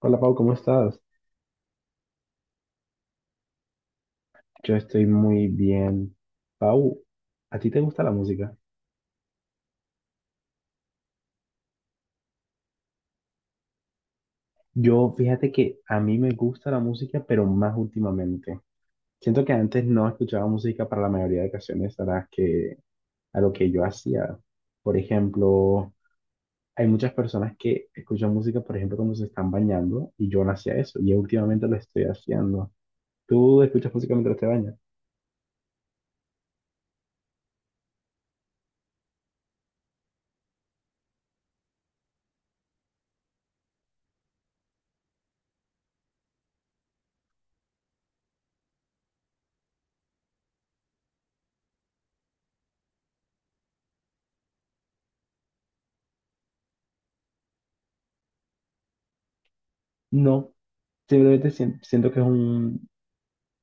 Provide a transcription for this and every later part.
Hola Pau, ¿cómo estás? Yo estoy muy bien. Pau, ¿a ti te gusta la música? Yo, fíjate que a mí me gusta la música, pero más últimamente. Siento que antes no escuchaba música para la mayoría de ocasiones a lo que yo hacía. Por ejemplo, hay muchas personas que escuchan música, por ejemplo, cuando se están bañando, y yo no hacía eso, y últimamente lo estoy haciendo. ¿Tú escuchas música mientras te bañas? No, simplemente siento que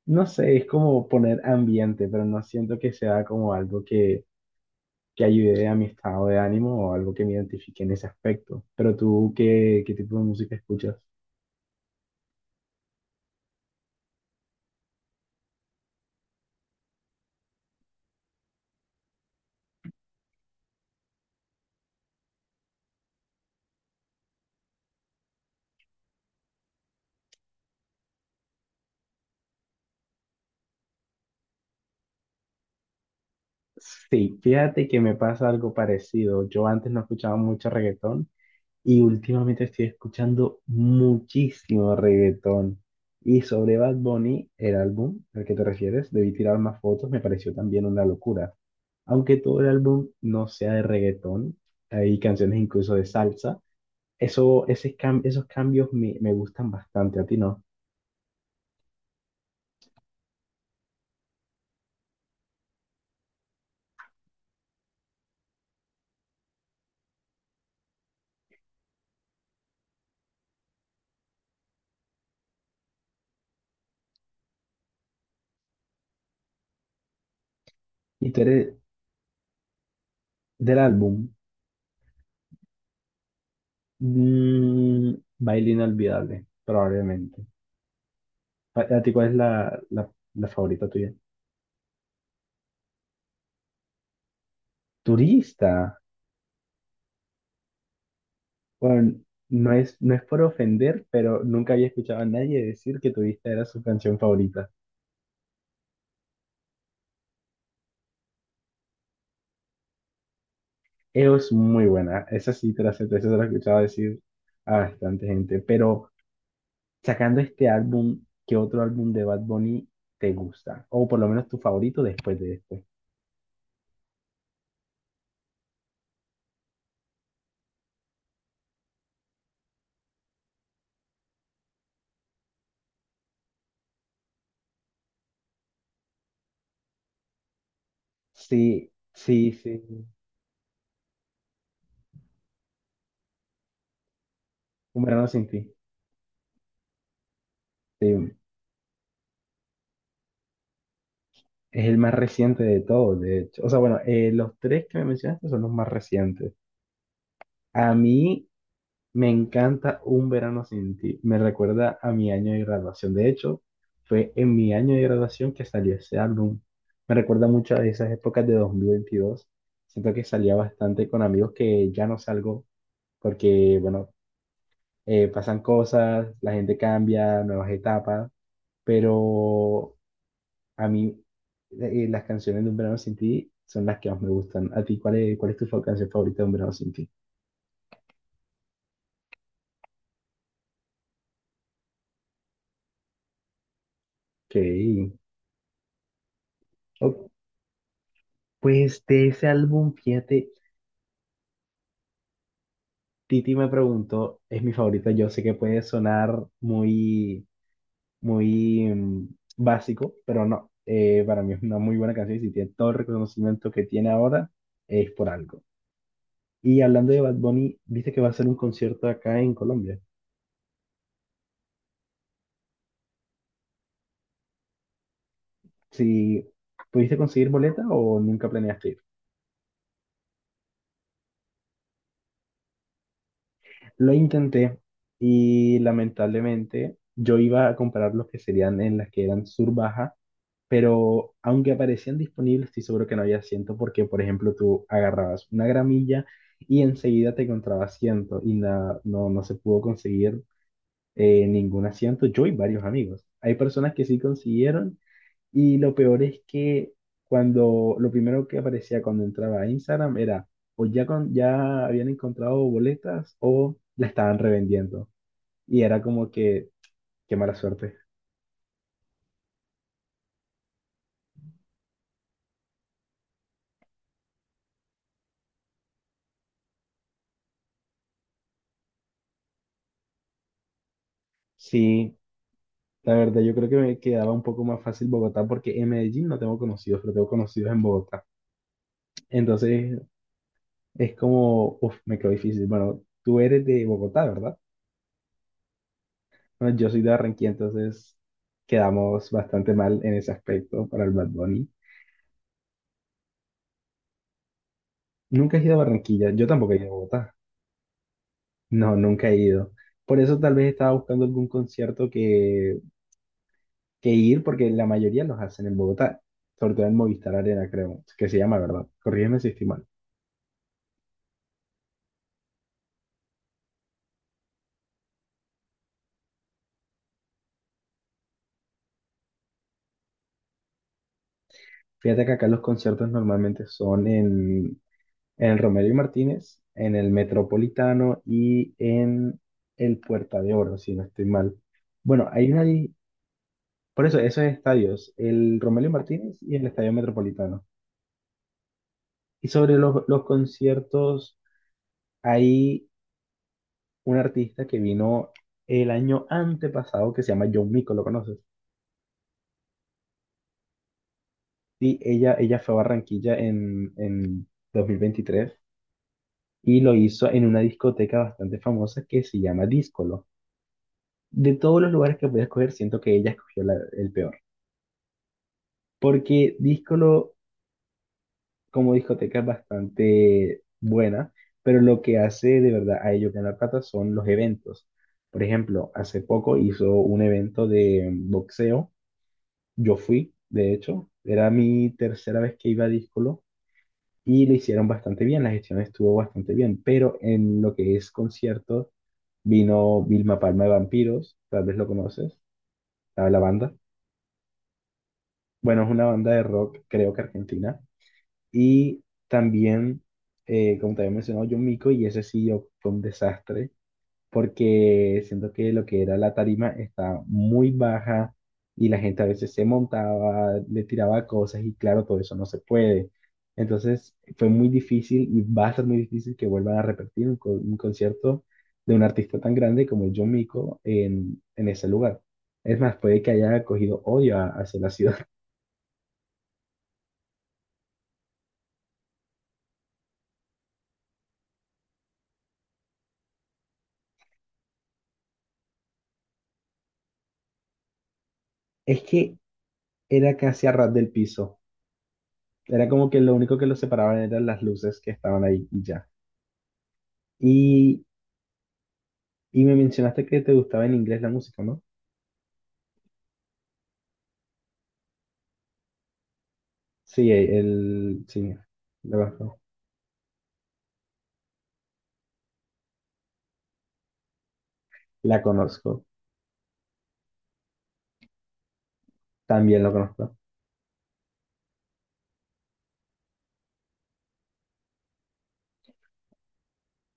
no sé, es como poner ambiente, pero no siento que sea como algo que ayude a mi estado de ánimo o algo que me identifique en ese aspecto. Pero tú, ¿qué tipo de música escuchas? Sí, fíjate que me pasa algo parecido. Yo antes no escuchaba mucho reggaetón y últimamente estoy escuchando muchísimo reggaetón. Y sobre Bad Bunny, el álbum al que te refieres, debí tirar más fotos, me pareció también una locura. Aunque todo el álbum no sea de reggaetón, hay canciones incluso de salsa. Eso, esos cambios me gustan bastante, ¿a ti no? Y tú eres del álbum. mm, Baile Inolvidable, probablemente. ¿A ti cuál es la favorita tuya? Turista. Bueno, no es por ofender, pero nunca había escuchado a nadie decir que Turista era su canción favorita. Es muy buena. Esa sí te la acepto, esa se la he escuchado decir a bastante gente. Pero sacando este álbum, ¿qué otro álbum de Bad Bunny te gusta? O por lo menos tu favorito después de este. Sí, sí, sí. Un verano sin ti. Sí, es el más reciente de todos, de hecho. O sea, bueno, los tres que me mencionaste son los más recientes. A mí me encanta Un verano sin ti. Me recuerda a mi año de graduación. De hecho, fue en mi año de graduación que salió ese álbum. Me recuerda mucho a esas épocas de 2022. Siento que salía bastante con amigos que ya no salgo porque, bueno, pasan cosas, la gente cambia, nuevas etapas, pero a mí las canciones de Un Verano Sin Ti son las que más me gustan. ¿A ti cuál es tu canción favorita de Un Verano Sin Ti? Ok. Oh, pues de ese álbum, fíjate, Titi me preguntó, es mi favorita, yo sé que puede sonar muy, muy básico, pero no. Para mí es una muy buena canción y si tiene todo el reconocimiento que tiene ahora, es por algo. Y hablando de Bad Bunny, viste que va a hacer un concierto acá en Colombia. Si pudiste conseguir boleta o nunca planeaste ir. Lo intenté y lamentablemente yo iba a comprar los que serían en las que eran sur baja, pero aunque aparecían disponibles, estoy seguro que no había asiento porque, por ejemplo, tú agarrabas una gramilla y enseguida te encontraba asiento y no, no se pudo conseguir ningún asiento. Yo y varios amigos. Hay personas que sí consiguieron. Y lo peor es que cuando lo primero que aparecía cuando entraba a Instagram era o ya, ya habían encontrado boletas o la estaban revendiendo. Y era como que, qué mala suerte. Sí, la verdad, yo creo que me quedaba un poco más fácil Bogotá porque en Medellín no tengo conocidos, pero tengo conocidos en Bogotá. Entonces es como, uff, me quedó difícil. Bueno, tú eres de Bogotá, ¿verdad? Bueno, yo soy de Barranquilla, entonces quedamos bastante mal en ese aspecto para el Bad Bunny. Nunca he ido a Barranquilla, yo tampoco he ido a Bogotá. No, nunca he ido. Por eso tal vez estaba buscando algún concierto que, ir, porque la mayoría los hacen en Bogotá, sobre todo en Movistar Arena, creo, que se llama, ¿verdad? Corrígeme si estoy mal. Fíjate que acá los conciertos normalmente son en el Romero y Martínez, en el Metropolitano y en el Puerta de Oro, si no estoy mal. Bueno. Por eso, esos estadios, el Romero y Martínez y el Estadio Metropolitano. Y sobre los conciertos. Hay un artista que vino el año antepasado que se llama John Mico, ¿lo conoces? Sí, ella fue a Barranquilla en 2023 y lo hizo en una discoteca bastante famosa que se llama Díscolo. De todos los lugares que podía escoger, siento que ella escogió el peor. Porque Díscolo como discoteca es bastante buena, pero lo que hace de verdad a ellos ganar plata son los eventos. Por ejemplo, hace poco hizo un evento de boxeo. Yo fui, de hecho, era mi tercera vez que iba a Díscolo y lo hicieron bastante bien, la gestión estuvo bastante bien, pero en lo que es concierto vino Vilma Palma de Vampiros, tal vez lo conoces, la banda. Bueno, es una banda de rock, creo que argentina, y también, como te había mencionado, John Mico, y ese sí yo, fue un desastre. Porque siento que lo que era la tarima estaba muy baja y la gente a veces se montaba, le tiraba cosas y claro, todo eso no se puede. Entonces fue muy difícil y va a ser muy difícil que vuelvan a repetir un concierto de un artista tan grande como John Mico en, ese lugar. Es más, puede que haya cogido odio hacia la ciudad. Es que era casi a ras del piso. Era como que lo único que los separaban eran las luces que estaban ahí y ya. Y Y me mencionaste que te gustaba en inglés la música, ¿no? Sí, el, sí, la conozco. La conozco, también lo conozco.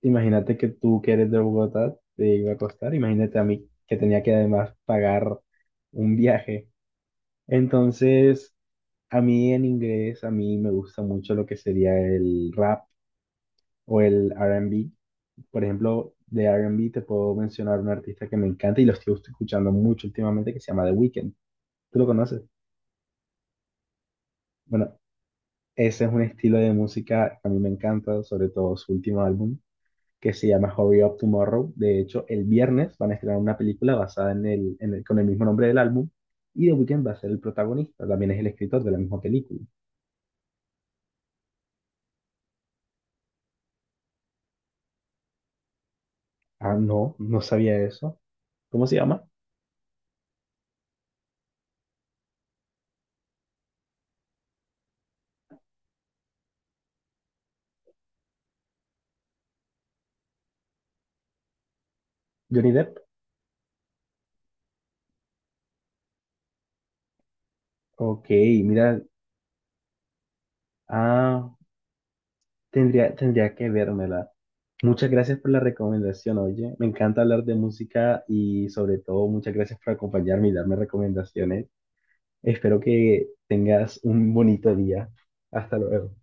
Imagínate que tú que eres de Bogotá te iba a costar, imagínate a mí que tenía que además pagar un viaje. Entonces, a mí en inglés, a mí me gusta mucho lo que sería el rap o el R&B. Por ejemplo, de R&B te puedo mencionar un artista que me encanta y lo estoy escuchando mucho últimamente que se llama The Weeknd. ¿Tú lo conoces? Bueno, ese es un estilo de música que a mí me encanta, sobre todo su último álbum, que se llama Hurry Up Tomorrow. De hecho, el viernes van a estrenar una película basada en el, con el mismo nombre del álbum y The Weeknd va a ser el protagonista, también es el escritor de la misma película. Ah, no, no sabía eso. ¿Cómo se llama? Johnny Depp. Ok, mira, ah, tendría que vérmela. Muchas gracias por la recomendación, oye. Me encanta hablar de música y sobre todo muchas gracias por acompañarme y darme recomendaciones. Espero que tengas un bonito día. Hasta luego.